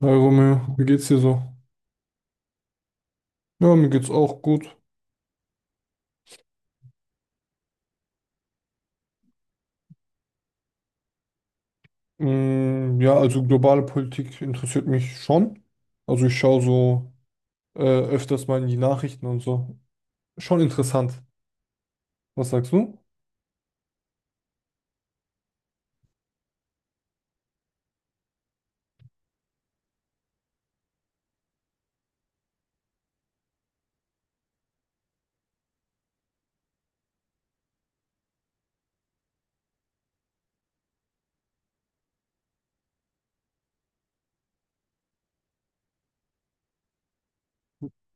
Hi Romeo, wie geht's dir so? Ja, mir geht's auch gut. Mm, ja, also globale Politik interessiert mich schon. Also ich schaue so öfters mal in die Nachrichten und so. Schon interessant. Was sagst du?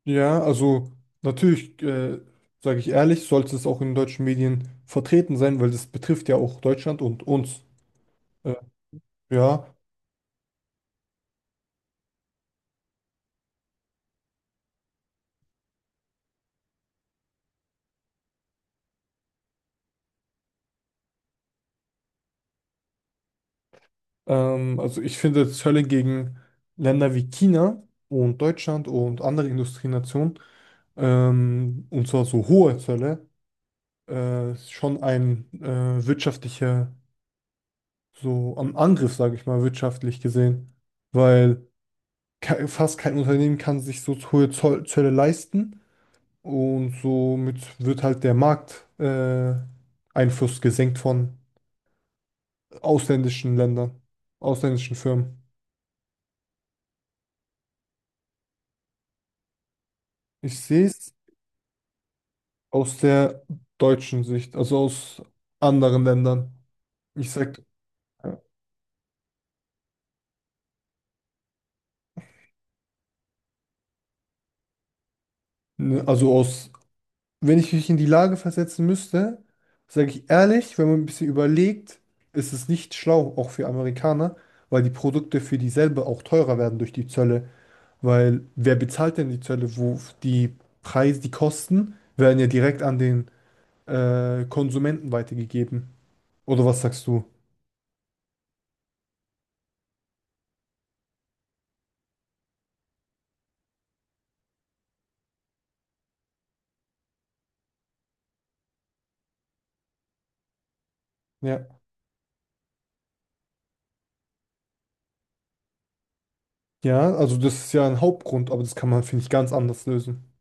Ja, also natürlich, sage ich ehrlich, sollte es auch in deutschen Medien vertreten sein, weil das betrifft ja auch Deutschland und uns. Äh, ja, also ich finde Zölle gegen Länder wie China und Deutschland und andere Industrienationen. Und zwar so hohe Zölle, ist schon ein wirtschaftlicher, so am Angriff, sage ich mal, wirtschaftlich gesehen, weil ke fast kein Unternehmen kann sich so hohe Zoll Zölle leisten und somit wird halt der Markt Einfluss gesenkt von ausländischen Ländern, ausländischen Firmen. Ich sehe es aus der deutschen Sicht, also aus anderen Ländern. Ich sag, ne, Also aus wenn ich mich in die Lage versetzen müsste, sage ich ehrlich, wenn man ein bisschen überlegt, ist es nicht schlau, auch für Amerikaner, weil die Produkte für dieselbe auch teurer werden durch die Zölle. Weil wer bezahlt denn die Zölle? Wo die Preise, die Kosten werden ja direkt an den Konsumenten weitergegeben. Oder was sagst du? Ja. Ja, also das ist ja ein Hauptgrund, aber das kann man, finde ich, ganz anders lösen.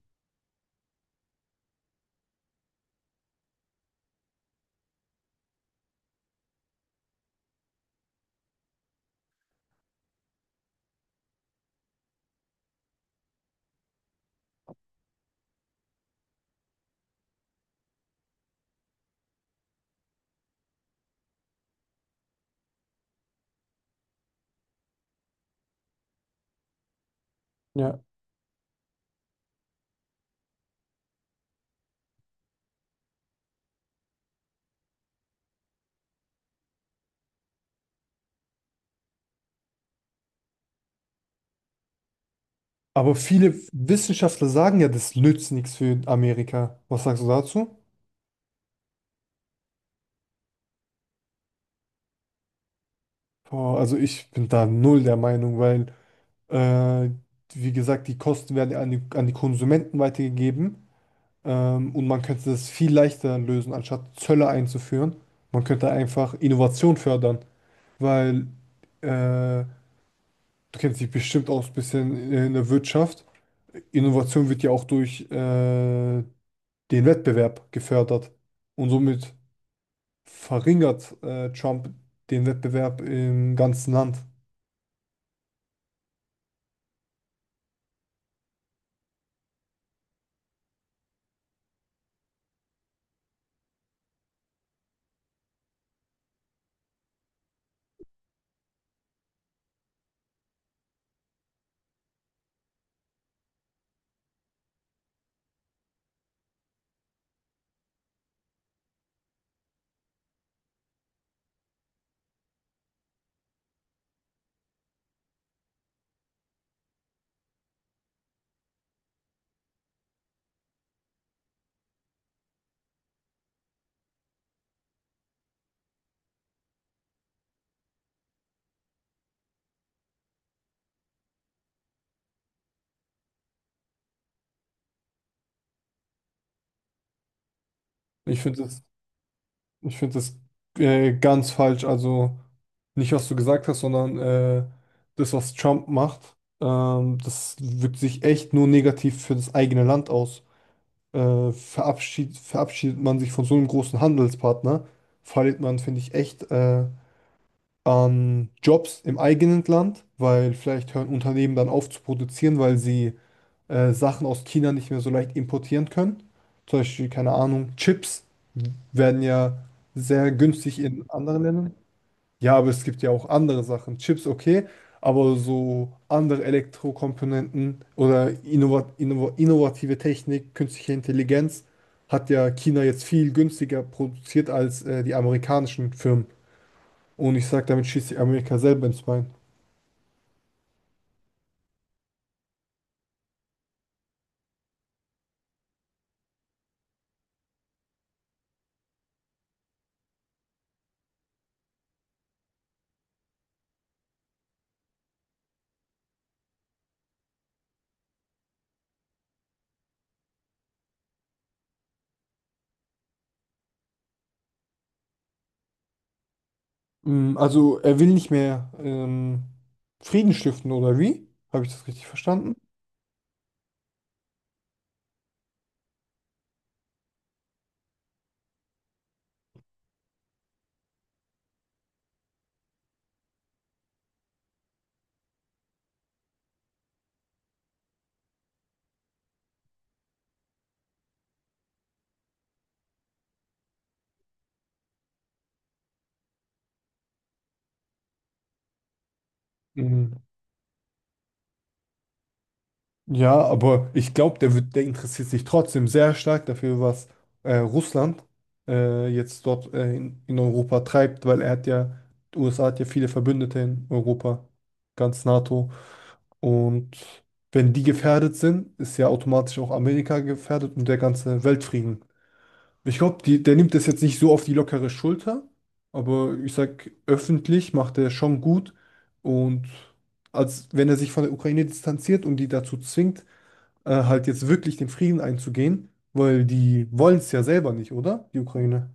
Ja. Aber viele Wissenschaftler sagen ja, das nützt nichts für Amerika. Was sagst du dazu? Boah, also ich bin da null der Meinung, weil, äh, wie gesagt, die Kosten werden an die Konsumenten weitergegeben, und man könnte das viel leichter lösen, anstatt Zölle einzuführen. Man könnte einfach Innovation fördern, weil, äh, du kennst dich bestimmt auch ein bisschen in der Wirtschaft. Innovation wird ja auch durch, den Wettbewerb gefördert und somit verringert, Trump den Wettbewerb im ganzen Land. Ich finde es Ich finde das ganz falsch. Also nicht, was du gesagt hast, sondern das, was Trump macht, das wirkt sich echt nur negativ für das eigene Land aus. Verabschiedet man sich von so einem großen Handelspartner, verliert man, finde ich, echt an Jobs im eigenen Land, weil vielleicht hören Unternehmen dann auf zu produzieren, weil sie Sachen aus China nicht mehr so leicht importieren können. Zum Beispiel, keine Ahnung, Chips werden ja sehr günstig in anderen Ländern. Ja, aber es gibt ja auch andere Sachen. Chips, okay, aber so andere Elektrokomponenten oder innovative Technik, künstliche Intelligenz hat ja China jetzt viel günstiger produziert als die amerikanischen Firmen. Und ich sage, damit schießt sich Amerika selber ins Bein. Also er will nicht mehr Frieden stiften, oder wie? Habe ich das richtig verstanden? Mhm. Ja, aber ich glaube, der interessiert sich trotzdem sehr stark dafür, was Russland jetzt dort in Europa treibt, weil er hat ja, die USA hat ja viele Verbündete in Europa, ganz NATO. Und wenn die gefährdet sind, ist ja automatisch auch Amerika gefährdet und der ganze Weltfrieden. Ich glaube, der nimmt das jetzt nicht so auf die lockere Schulter, aber ich sag, öffentlich macht er schon gut. Und als wenn er sich von der Ukraine distanziert und die dazu zwingt, halt jetzt wirklich den Frieden einzugehen, weil die wollen es ja selber nicht, oder? Die Ukraine.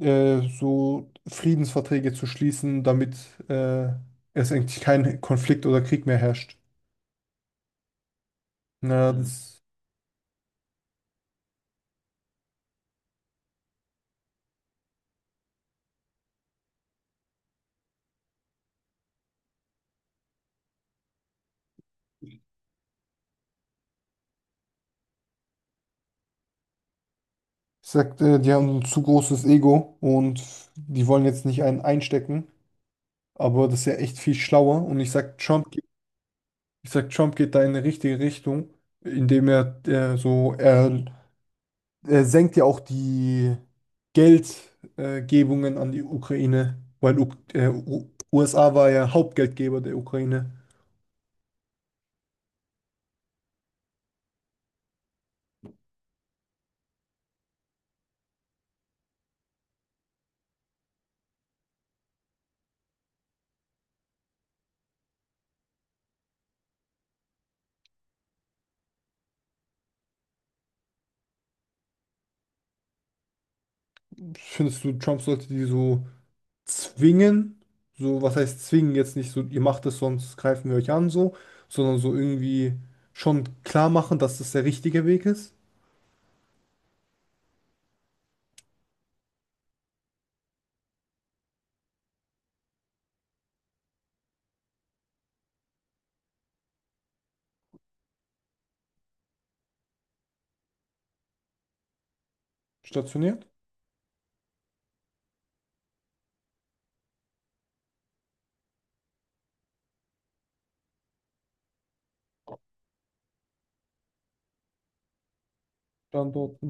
So Friedensverträge zu schließen, damit äh, es eigentlich kein Konflikt oder Krieg mehr herrscht. Na, mhm. Ich sag, die haben ein zu großes Ego und die wollen jetzt nicht einen einstecken. Aber das ist ja echt viel schlauer. Und ich sag, Trump geht da in eine richtige Richtung, indem er senkt ja auch die Geldgebungen Gebungen an die Ukraine, weil U U USA war ja Hauptgeldgeber der Ukraine. Findest du, Trump sollte die so zwingen? So, was heißt zwingen? Jetzt nicht so, ihr macht es, sonst greifen wir euch an, so, sondern so irgendwie schon klar machen, dass das der richtige Weg ist. Stationiert. Standort.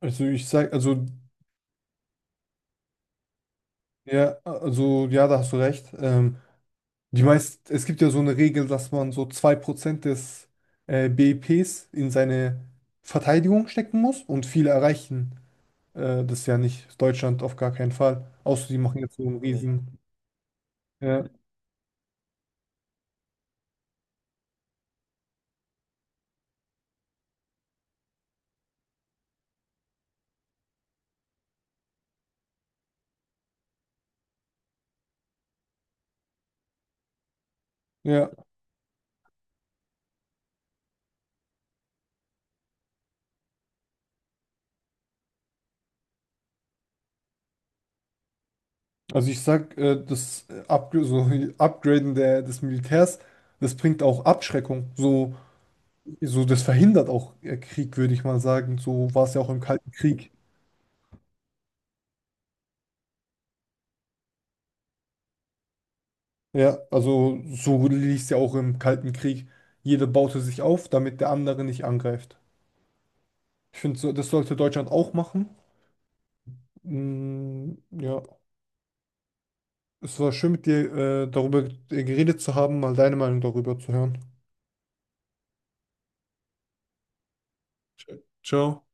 Also ich sag, also ja, da hast du recht. Es gibt ja so eine Regel, dass man so 2% des BIPs in seine Verteidigung stecken muss und viele erreichen das ja nicht. Deutschland auf gar keinen Fall. Außer die machen jetzt so einen, nee, riesen. Ja, ja. Also ich sag, das Up so Upgraden des Militärs, das bringt auch Abschreckung. So, so das verhindert auch Krieg, würde ich mal sagen. So war es ja auch im Kalten Krieg. Ja, also so lief es ja auch im Kalten Krieg. Jeder baute sich auf, damit der andere nicht angreift. Ich finde, so, das sollte Deutschland auch machen. Mm, ja, es war schön mit dir darüber geredet zu haben, mal deine Meinung darüber zu hören. Ciao.